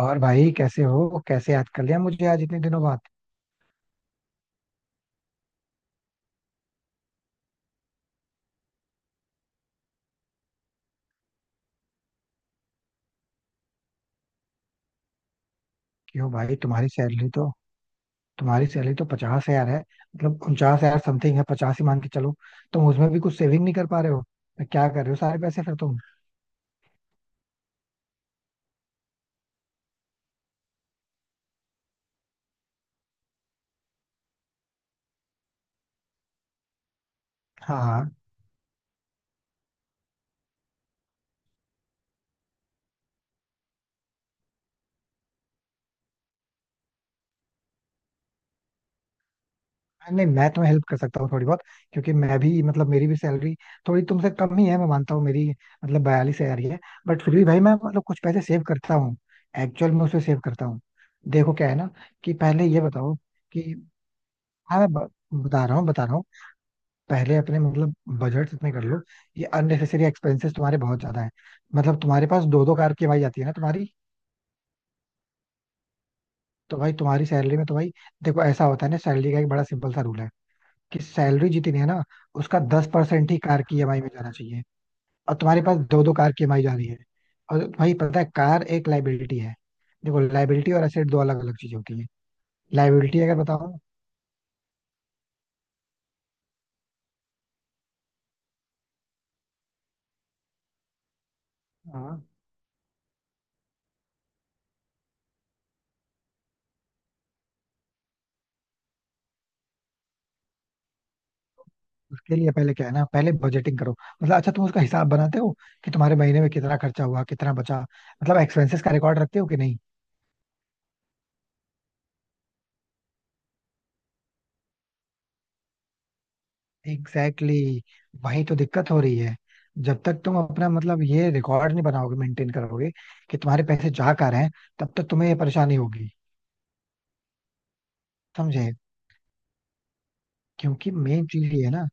और भाई, कैसे हो? कैसे याद कर लिया मुझे आज इतने दिनों बाद? क्यों भाई, तुम्हारी सैलरी तो 50,000 है. मतलब 49,000 समथिंग है, पचास ही मान के चलो. तुम उसमें भी कुछ सेविंग नहीं कर पा रहे हो? तो क्या कर रहे हो सारे पैसे फिर तुम? हाँ हाँ. नहीं, मैं तुम्हें हेल्प कर सकता हूँ थोड़ी बहुत. क्योंकि मैं भी मतलब मेरी भी सैलरी थोड़ी तुमसे कम ही है, मैं मानता हूँ. मेरी मतलब 42,000 ही है. बट फिर भी भाई मैं मतलब कुछ पैसे सेव करता हूँ. एक्चुअल में उसे सेव करता हूँ. देखो क्या है ना, कि पहले ये बताओ कि हाँ मैं बता रहा हूँ बता रहा हूँ. पहले अपने मतलब बजट इतने कर लो. ये अननेसेसरी एक्सपेंसेस तुम्हारे बहुत ज्यादा है. मतलब तुम्हारे पास दो दो कार की भाई आती है ना तुम्हारी? तो भाई तुम्हारी सैलरी में तो भाई देखो ऐसा होता है ना, सैलरी का एक बड़ा सिंपल सा रूल है, कि सैलरी जितनी है ना उसका 10% ही कार की ईएमआई में जाना चाहिए. और तुम्हारे पास दो दो कार की ईएमआई जा रही है. और भाई पता है कार एक लाइबिलिटी है. देखो लाइबिलिटी और एसेट दो अलग अलग चीजें होती है. लाइबिलिटी अगर बताऊं. हाँ. उसके लिए पहले क्या है ना, पहले बजटिंग करो मतलब अच्छा, तुम उसका हिसाब बनाते हो कि तुम्हारे महीने में कितना खर्चा हुआ कितना बचा, मतलब एक्सपेंसेस का रिकॉर्ड रखते हो कि नहीं? एग्जैक्टली exactly, वही तो दिक्कत हो रही है. जब तक तुम अपना मतलब ये रिकॉर्ड नहीं बनाओगे मेंटेन करोगे कि तुम्हारे पैसे जा कहाँ रहे हैं, तब तक तुम्हें ये परेशानी होगी. समझे? क्योंकि मेन चीज ये है ना.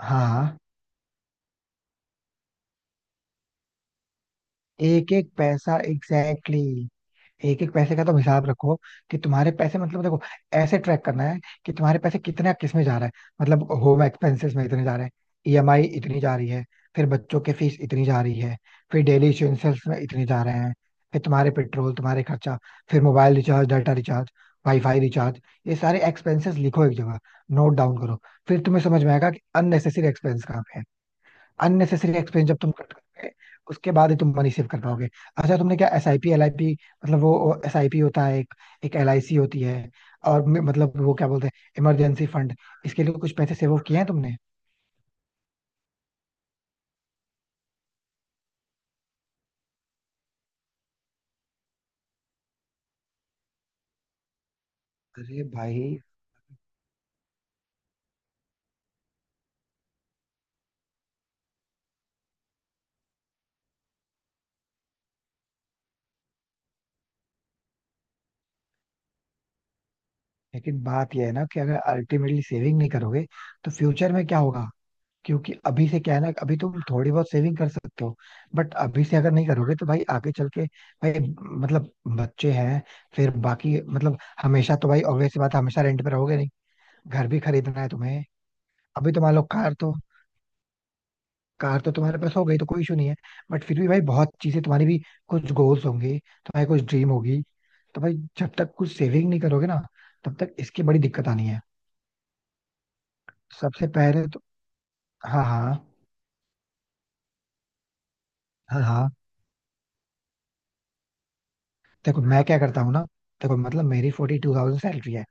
हाँ, एक एक पैसा एग्जैक्टली exactly, एक एक पैसे का तुम हिसाब रखो कि तुम्हारे पैसे मतलब देखो ऐसे ट्रैक करना है कि तुम्हारे पैसे कितने किस में जा रहा है. मतलब होम एक्सपेंसेस में इतने जा रहे हैं, ईएमआई इतनी जा रही है, फिर बच्चों के फीस इतनी जा रही है, फिर डेली इश्यूएंसेस में इतने जा रहे हैं, फिर तुम्हारे पेट्रोल तुम्हारे खर्चा, फिर mobile recharge data recharge wifi recharge, ये सारे एक्सपेंसेस लिखो एक जगह, नोट डाउन करो. फिर तुम्हें समझ में आएगा कि अननेसेसरी एक्सपेंस कहाँ पे है. अननेसेसरी एक्सपेंस जब तुम कट करोगे उसके बाद ही तुम मनी सेव कर पाओगे. अच्छा तुमने क्या S I P L I P, मतलब वो एस आई पी होता है एक, एक एल आई सी होती है, और मतलब वो क्या बोलते हैं, इमरजेंसी फंड, इसके लिए कुछ पैसे सेव किए हैं तुमने? अरे भाई. लेकिन बात यह है ना कि अगर अल्टीमेटली सेविंग नहीं करोगे तो फ्यूचर में क्या होगा? क्योंकि अभी से क्या है ना, अभी तुम थोड़ी बहुत सेविंग कर सकते हो. बट अभी से अगर नहीं करोगे तो भाई आगे चल के भाई मतलब बच्चे हैं, फिर बाकी मतलब हमेशा, तो भाई ऑब्वियस बात है, हमेशा रेंट पे रहोगे नहीं, घर भी खरीदना है तुम्हें. अभी तो मान लो कार तो तुम्हारे पास हो गई तो कोई इशू नहीं है. बट फिर भी भाई बहुत चीजें तुम्हारी भी, कुछ गोल्स होंगे, तुम्हारी कुछ ड्रीम होगी. तो भाई जब तक कुछ सेविंग नहीं करोगे ना तब तक इसकी बड़ी दिक्कत आनी है. सबसे पहले तो. हाँ हाँ हाँ हाँ. देखो मैं क्या करता हूँ ना. देखो मतलब मेरी 42,000 सैलरी है.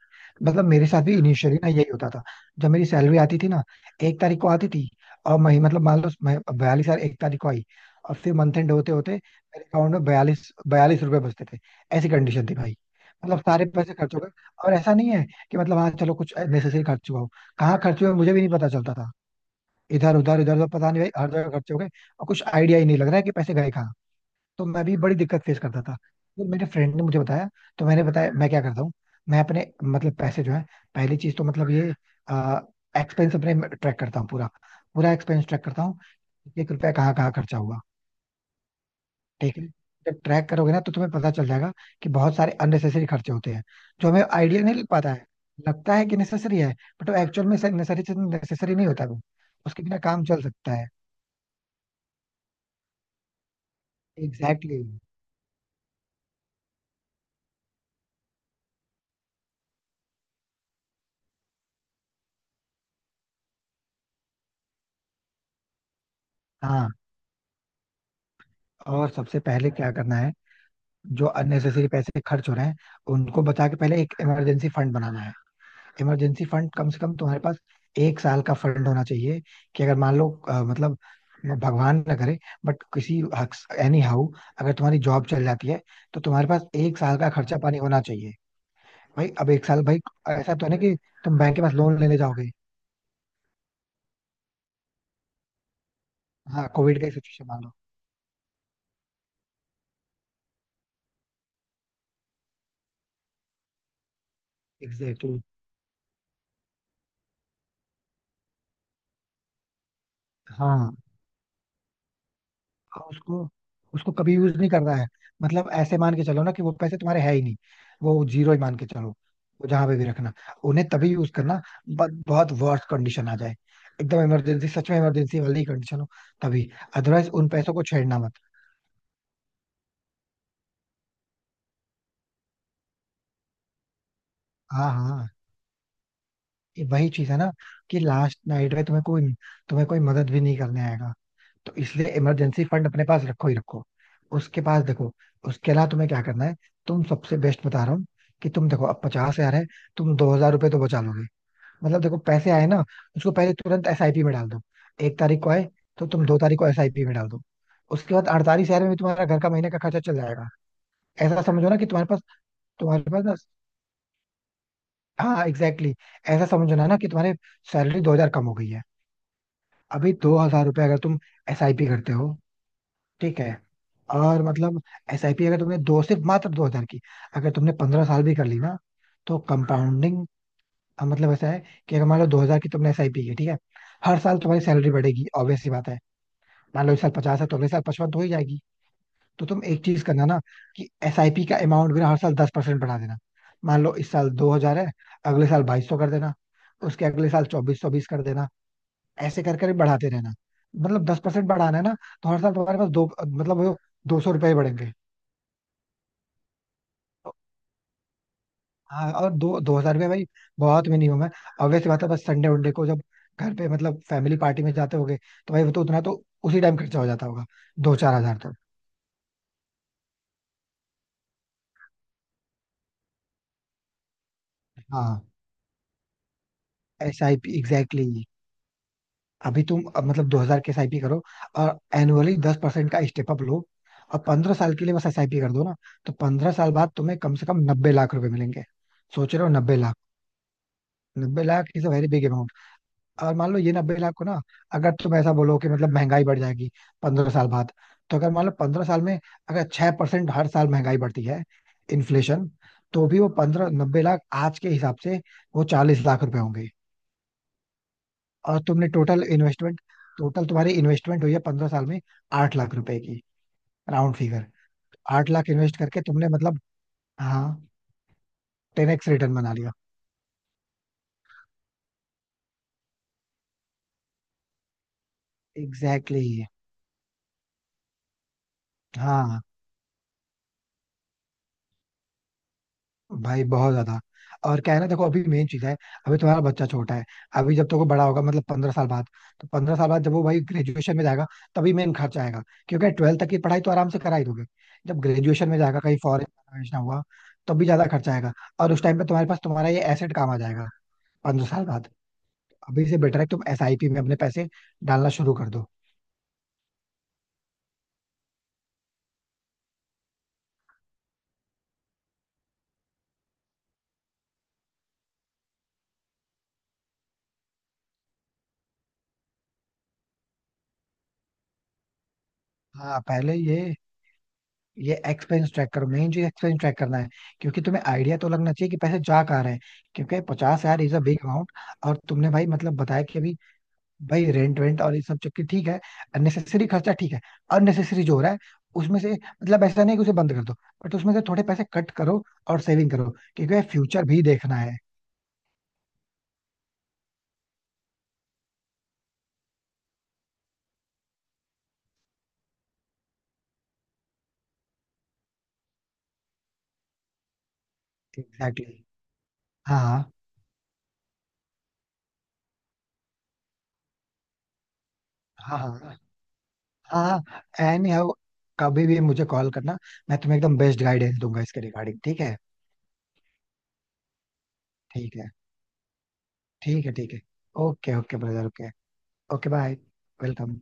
मतलब मेरे साथ भी इनिशियली ना यही होता था. जब मेरी सैलरी आती थी ना, एक तारीख को आती थी, और मही मतलब मान लो मैं 42,000 एक तारीख को आई. और फिर मंथ एंड होते होते मेरे अकाउंट में बयालीस बयालीस रुपए बचते थे. ऐसी कंडीशन थी भाई. मतलब सारे पैसे खर्च हो गए. और ऐसा नहीं है कि मतलब हाँ चलो कुछ नेसेसरी खर्च हुआ हो. कहाँ खर्च हुए मुझे भी नहीं पता चलता था. इधर उधर पता नहीं भाई हर जगह खर्च हो गए, और कुछ आइडिया ही नहीं लग रहा है कि पैसे गए. तो मैं भी बड़ी दिक्कत फेस करता था. तो मेरे फ्रेंड ने मुझे बताया, तो मैंने बताया मैं क्या करता हूँ. मैं अपने मतलब पैसे जो है, पहली चीज तो मतलब ये एक्सपेंस अपने ट्रैक करता हूँ पूरा, पूरा एक्सपेंस ट्रैक करता हूँ. एक रुपया कहाँ कहाँ खर्चा हुआ, ठीक है. जब ट्रैक करोगे ना तो तुम्हें पता चल जाएगा कि बहुत सारे अननेसेसरी खर्चे होते हैं जो हमें आइडिया नहीं लग पाता है, लगता है कि नेसेसरी है, बट वो एक्चुअल में नेसेसरी नेसेसरी नहीं होता वो, उसके बिना काम चल सकता है. Exactly exactly. हाँ, और सबसे पहले क्या करना है, जो अननेसेसरी पैसे खर्च हो रहे हैं उनको बचा के पहले एक इमरजेंसी फंड बनाना है. इमरजेंसी फंड कम से कम तुम्हारे पास एक साल का फंड होना चाहिए. कि अगर मान लो मतलब भगवान ना करे बट किसी, एनी हाउ, अगर तुम्हारी जॉब चल जाती है तो तुम्हारे पास एक साल का खर्चा पानी होना चाहिए. भाई अब एक साल भाई ऐसा तो है ना कि तुम बैंक के पास लोन लेने जाओगे. हाँ, कोविड का सिचुएशन मान लो. Exactly exactly. हाँ, और उसको उसको कभी यूज नहीं करना है. मतलब ऐसे मान के चलो ना कि वो पैसे तुम्हारे है ही नहीं. वो जीरो ही मान के चलो. वो जहां पे भी रखना उन्हें तभी यूज करना, बट बहुत वर्स्ट कंडीशन आ जाए, एकदम इमरजेंसी, सच में इमरजेंसी वाली कंडीशन हो तभी, अदरवाइज उन पैसों को छेड़ना मत. हाँ हाँ. ये वही चीज है ना कि लास्ट नाइट में तुम्हें कोई मदद भी नहीं करने आएगा. तो इसलिए इमरजेंसी फंड अपने पास रखो ही रखो. उसके पास देखो, उसके अलावा तुम्हें क्या करना है, तुम सबसे बेस्ट बता रहा हूँ. कि तुम देखो अब 50,000 है, तुम 2,000 रुपये तो बचा लोगे. मतलब देखो पैसे आए ना उसको पहले तुरंत एसआईपी में डाल दो. एक तारीख को आए तो तुम दो तारीख को एसआईपी में डाल दो. उसके बाद 48,000 में तुम्हारा घर का महीने का खर्चा चल जाएगा. ऐसा समझो ना कि तुम्हारे पास, ना, हाँ एग्जैक्टली exactly, ऐसा समझो ना ना कि तुम्हारी सैलरी 2,000 कम हो गई है. अभी 2,000 रुपये अगर तुम एसआईपी करते हो, ठीक है, और मतलब एसआईपी अगर तुमने दो सिर्फ मात्र 2,000 की, अगर तुमने 15 साल भी कर ली ना तो कंपाउंडिंग, मतलब ऐसा है कि अगर मान लो 2,000 की तुमने एसआईपी की, ठीक है. हर साल तुम्हारी सैलरी बढ़ेगी ऑब्वियस सी बात है. मान लो इस साल 50 है तो अगले साल 55 तो हो ही जाएगी. तो तुम एक चीज करना ना कि एसआईपी का अमाउंट भी ना हर साल 10% बढ़ा देना. मान लो इस साल 2,000 है, अगले साल 2,200 कर देना, उसके अगले साल 2,420 कर देना. ऐसे कर कर बढ़ाते रहना, मतलब 10% बढ़ाना है ना. तो हर साल तुम्हारे पास दो मतलब वो 200 रुपये बढ़ेंगे. हाँ, और दो दो हजार में भाई बहुत मिनिमम है. ऑब्वियस बात है, बस संडे वनडे को जब घर पे मतलब फैमिली पार्टी में जाते होगे तो भाई वो तो उतना तो उसी टाइम खर्चा हो जाता होगा, दो चार हजार तक. हाँ एस आई पी एग्जैक्टली. अभी तुम अब मतलब 2,000 के एस आई पी करो, और एनुअली 10% का स्टेप अप लो, और 15 साल के लिए बस एस आई पी कर दो ना. तो 15 साल बाद तुम्हें कम से कम 90 लाख रुपए मिलेंगे. सोच रहे हो, 90 लाख. नब्बे lakh is a very big. और मान लो ये 90 लाख को ना, अगर तुम ऐसा बोलो कि मतलब महंगाई बढ़ जाएगी 15 साल बाद, तो अगर मान लो 15 साल में अगर 6% हर साल महंगाई बढ़ती है इन्फ्लेशन, तो भी वो पंद्रह 90 लाख आज के हिसाब से वो 40 लाख रुपए होंगे. और तुमने टोटल तुम्हारी इन्वेस्टमेंट हुई है 15 साल में 8 लाख रुपए की, राउंड फिगर. 8 लाख इन्वेस्ट करके तुमने मतलब हाँ 10x रिटर्न बना लिया. एग्जैक्टली exactly, हाँ भाई बहुत ज्यादा. और क्या है ना देखो, अभी मेन चीज है, अभी तुम्हारा बच्चा छोटा है. अभी जब तक वो बड़ा होगा मतलब 15 साल बाद, तो पंद्रह साल बाद जब वो भाई ग्रेजुएशन में जाएगा तभी मेन खर्च आएगा, क्योंकि ट्वेल्थ तक की पढ़ाई तो आराम से करा ही दोगे. जब ग्रेजुएशन में जाएगा, कहीं फॉरेन ना हुआ, तब भी ज्यादा खर्च आएगा. और उस टाइम पे तुम्हारे पास तुम्हारा ये एसेट काम आ जाएगा, 15 साल बाद. अभी से बेटर है कि तुम एसआईपी में अपने पैसे डालना शुरू कर दो. हाँ पहले ये एक्सपेंस ट्रैक करो, मेन चीज एक्सपेंस ट्रैक करना है. क्योंकि तुम्हें आइडिया तो लगना चाहिए कि पैसे जा कहाँ रहे हैं. क्योंकि 50,000 इज अ बिग अमाउंट. और तुमने भाई मतलब बताया कि अभी भाई रेंट वेंट और ये सब चक्की, ठीक है, अननेसेसरी खर्चा ठीक है, अननेसेसरी जो हो रहा है उसमें से मतलब ऐसा नहीं कि उसे बंद कर दो, बट उसमें से थोड़े पैसे कट करो और सेविंग करो, क्योंकि फ्यूचर भी देखना है. Exactly exactly. हाँ हाँ हाँ हाँ, एनी हाउ, कभी भी मुझे कॉल करना, मैं तुम्हें एकदम बेस्ट गाइडेंस दूंगा इसके रिगार्डिंग, ठीक है. ठीक है ठीक है ठीक है. Okay okay brother okay. Okay bye. Welcome.